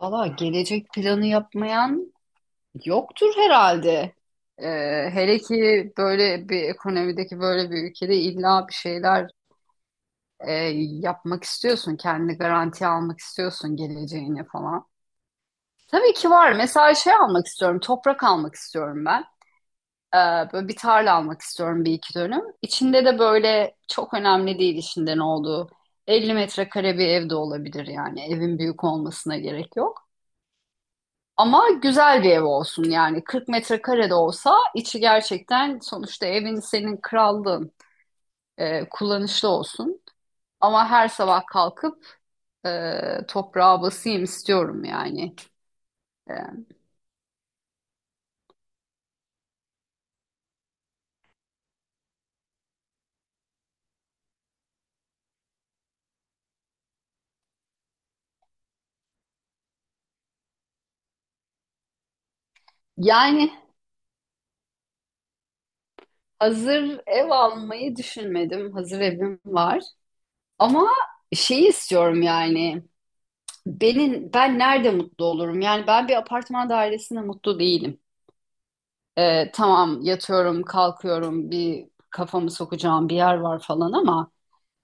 Valla gelecek planı yapmayan yoktur herhalde. Ee, hele ki böyle bir ekonomideki böyle bir ülkede illa bir şeyler e, yapmak istiyorsun. Kendini garantiye almak istiyorsun geleceğini falan. Tabii ki var. Mesela şey almak istiyorum. Toprak almak istiyorum ben. Ee, böyle bir tarla almak istiyorum bir iki dönüm. İçinde de böyle çok önemli değil içinde ne olduğu. 50 metrekare bir ev de olabilir yani. Evin büyük olmasına gerek yok. Ama güzel bir ev olsun yani 40 metrekare de olsa içi gerçekten, sonuçta evin senin krallığın, kullanışlı olsun. Ama her sabah kalkıp e, toprağa basayım istiyorum yani. E, yani hazır ev almayı düşünmedim. Hazır evim var. Ama şeyi istiyorum yani. Benim, ben nerede mutlu olurum? Yani ben bir apartman dairesinde mutlu değilim. Tamam, yatıyorum, kalkıyorum, bir kafamı sokacağım bir yer var falan ama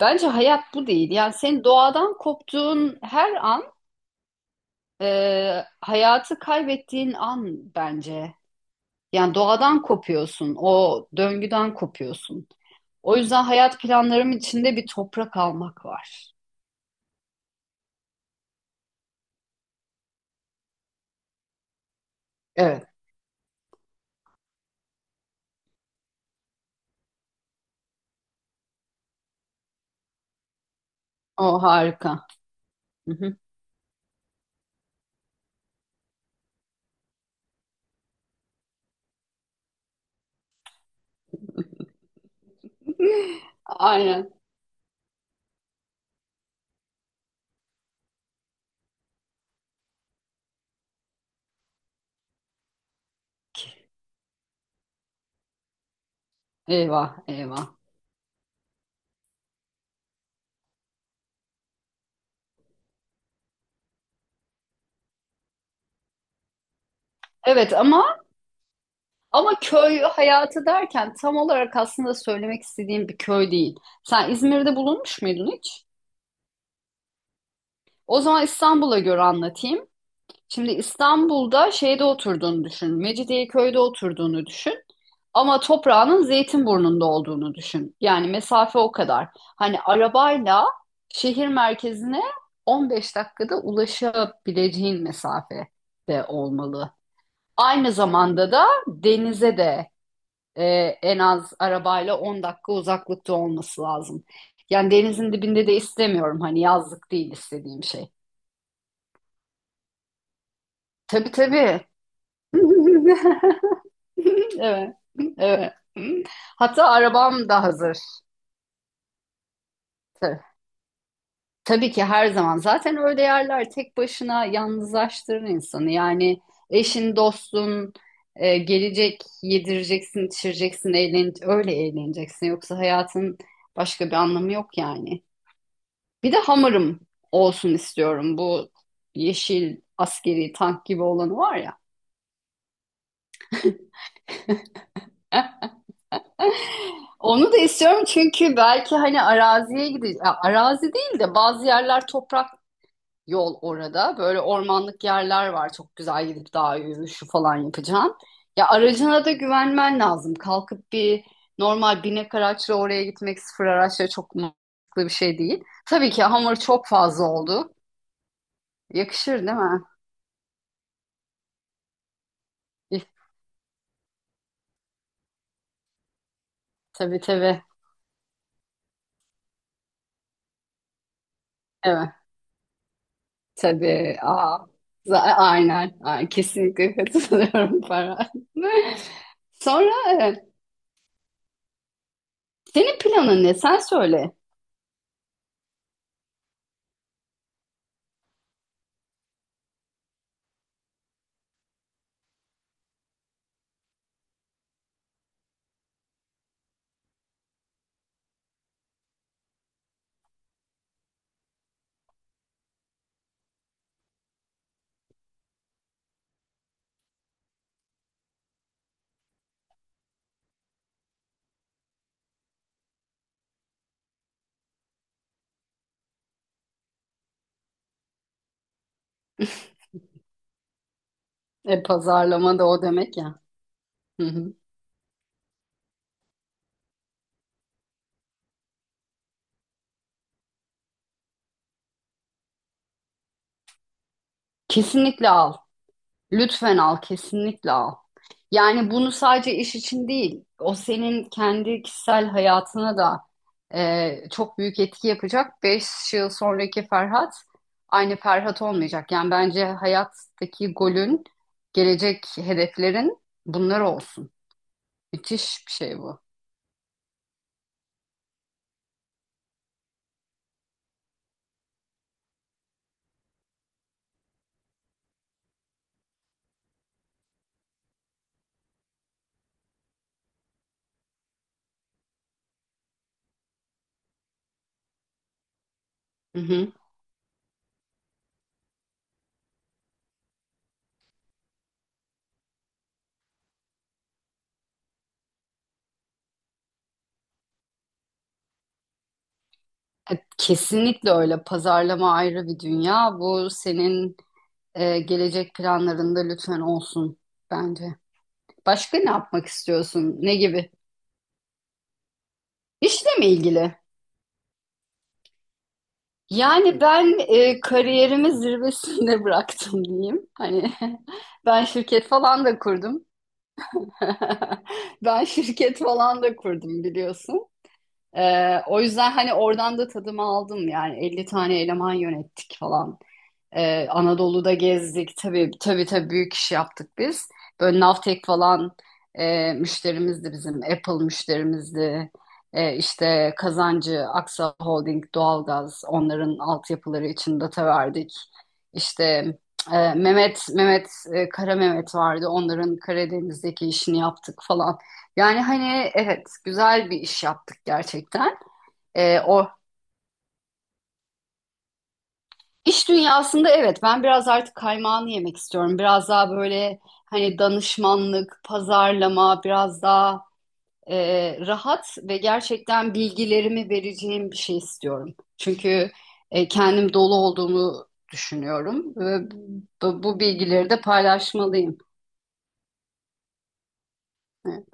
bence hayat bu değil. Yani senin doğadan koptuğun her an hayatı kaybettiğin an bence. Yani doğadan kopuyorsun, o döngüden kopuyorsun. O yüzden hayat planlarım içinde bir toprak almak var. Evet. O harika. Hı hı. Aynen. Eyvah, eyvah. Evet, ama köy hayatı derken tam olarak aslında söylemek istediğim bir köy değil. Sen İzmir'de bulunmuş muydun hiç? O zaman İstanbul'a göre anlatayım. Şimdi İstanbul'da şeyde oturduğunu düşün. Mecidiyeköy'de oturduğunu düşün. Ama toprağının Zeytinburnu'nda olduğunu düşün. Yani mesafe o kadar. Hani arabayla şehir merkezine 15 dakikada ulaşabileceğin mesafede olmalı. Aynı zamanda da denize de e, en az arabayla 10 dakika uzaklıkta olması lazım. Yani denizin dibinde de istemiyorum, hani yazlık değil istediğim şey. Tabii, tabii. Evet. Evet. Hatta arabam da hazır. Ta- Tabii ki her zaman. Zaten öyle yerler tek başına yalnızlaştırır insanı. Yani eşin, dostun gelecek, yedireceksin, içireceksin, eğlen, öyle eğleneceksin. Yoksa hayatın başka bir anlamı yok yani. Bir de hamırım olsun istiyorum. Bu yeşil askeri tank gibi olanı var ya. Onu da istiyorum çünkü belki hani araziye gideceğiz. Arazi değil de bazı yerler toprak yol orada. Böyle ormanlık yerler var. Çok güzel, gidip dağ yürüyüşü falan yapacaksın. Ya aracına da güvenmen lazım. Kalkıp bir normal binek araçla oraya gitmek, sıfır araçla, çok mantıklı bir şey değil. Tabii ki hamur çok fazla oldu. Yakışır değil mi? İh, tabii, tabii. Evet. Tabii. Aa, aynen. Aynen. Kesinlikle katılıyorum Farah. Sonra e, senin planın ne? Sen söyle. Pazarlama da o demek ya. Hı hı. Kesinlikle al. Lütfen al. Kesinlikle al. Yani bunu sadece iş için değil. O, senin kendi kişisel hayatına da çok büyük etki yapacak. 5 yıl sonraki Ferhat aynı Ferhat olmayacak. Yani bence hayattaki golün, gelecek hedeflerin bunlar olsun. Müthiş bir şey bu. Hı hı. Kesinlikle öyle. Pazarlama ayrı bir dünya. Bu senin gelecek planlarında lütfen olsun bence. Başka ne yapmak istiyorsun? Ne gibi? İşle mi ilgili? Yani ben kariyerimi zirvesinde bıraktım diyeyim. Hani ben şirket falan da kurdum. Ben şirket falan da kurdum biliyorsun. O yüzden hani oradan da tadımı aldım, yani 50 tane eleman yönettik falan. Anadolu'da gezdik. Tabii, tabii, tabii, büyük iş yaptık biz. Böyle Navtek falan müşterimizdi bizim. Apple müşterimizdi. E, işte Kazancı, Aksa Holding, Doğalgaz, onların altyapıları için data verdik. İşte Kara Mehmet vardı. Onların Karadeniz'deki işini yaptık falan. Yani hani evet, güzel bir iş yaptık gerçekten. E, O İş dünyasında evet, ben biraz artık kaymağını yemek istiyorum. Biraz daha böyle hani danışmanlık, pazarlama, biraz daha e, rahat ve gerçekten bilgilerimi vereceğim bir şey istiyorum. Çünkü kendim dolu olduğumu düşünüyorum ve bu bilgileri de paylaşmalıyım. Evet.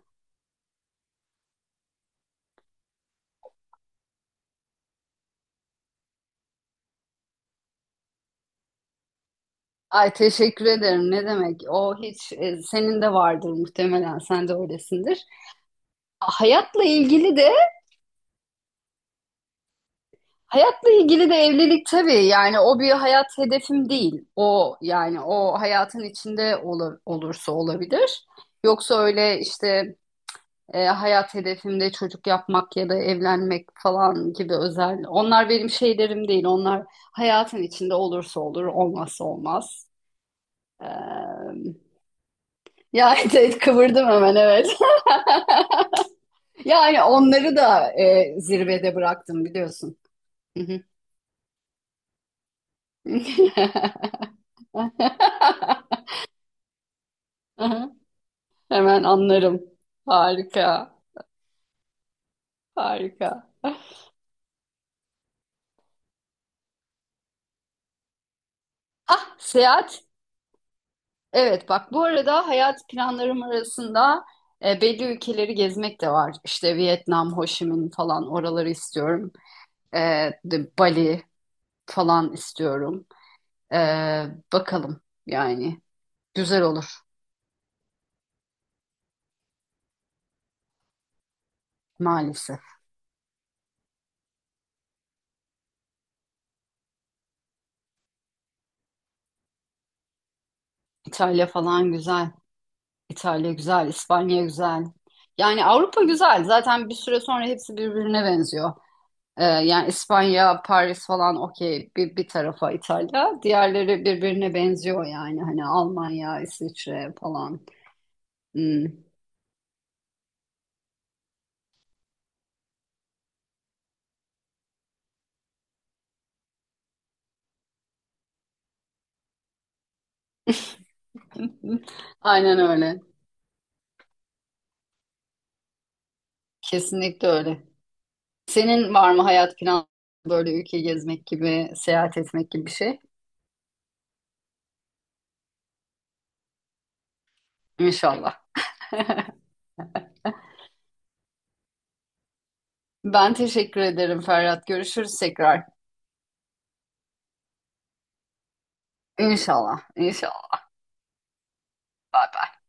Ay, teşekkür ederim. Ne demek? O hiç, senin de vardır muhtemelen. Sen de öylesindir. Hayatla ilgili de, hayatla ilgili de evlilik tabii, yani o bir hayat hedefim değil. O, yani o hayatın içinde olur, olursa olabilir. Yoksa öyle işte hayat hedefimde çocuk yapmak ya da evlenmek falan gibi özel, onlar benim şeylerim değil. Onlar hayatın içinde olursa olur, olmazsa olmaz. Ee, ya evet, kıvırdım hemen, evet. Yani onları da zirvede bıraktım biliyorsun. Hı hı. Hemen anlarım. Harika, harika. Ah, seyahat. Evet, bak, bu arada hayat planlarım arasında belli ülkeleri gezmek de var. İşte Vietnam, Ho Chi Minh falan, oraları istiyorum. E, Bali falan istiyorum. E, bakalım yani, güzel olur maalesef. İtalya falan güzel. İtalya güzel, İspanya güzel. Yani Avrupa güzel. Zaten bir süre sonra hepsi birbirine benziyor. Yani İspanya, Paris falan okey, bir tarafa İtalya. Diğerleri birbirine benziyor yani. Hani Almanya, İsviçre falan. Hmm. Aynen öyle. Kesinlikle öyle. Senin var mı hayat planı böyle ülke gezmek gibi, seyahat etmek gibi bir şey? İnşallah. Ben teşekkür ederim Ferhat. Görüşürüz tekrar. İnşallah. İnşallah. Bye bye.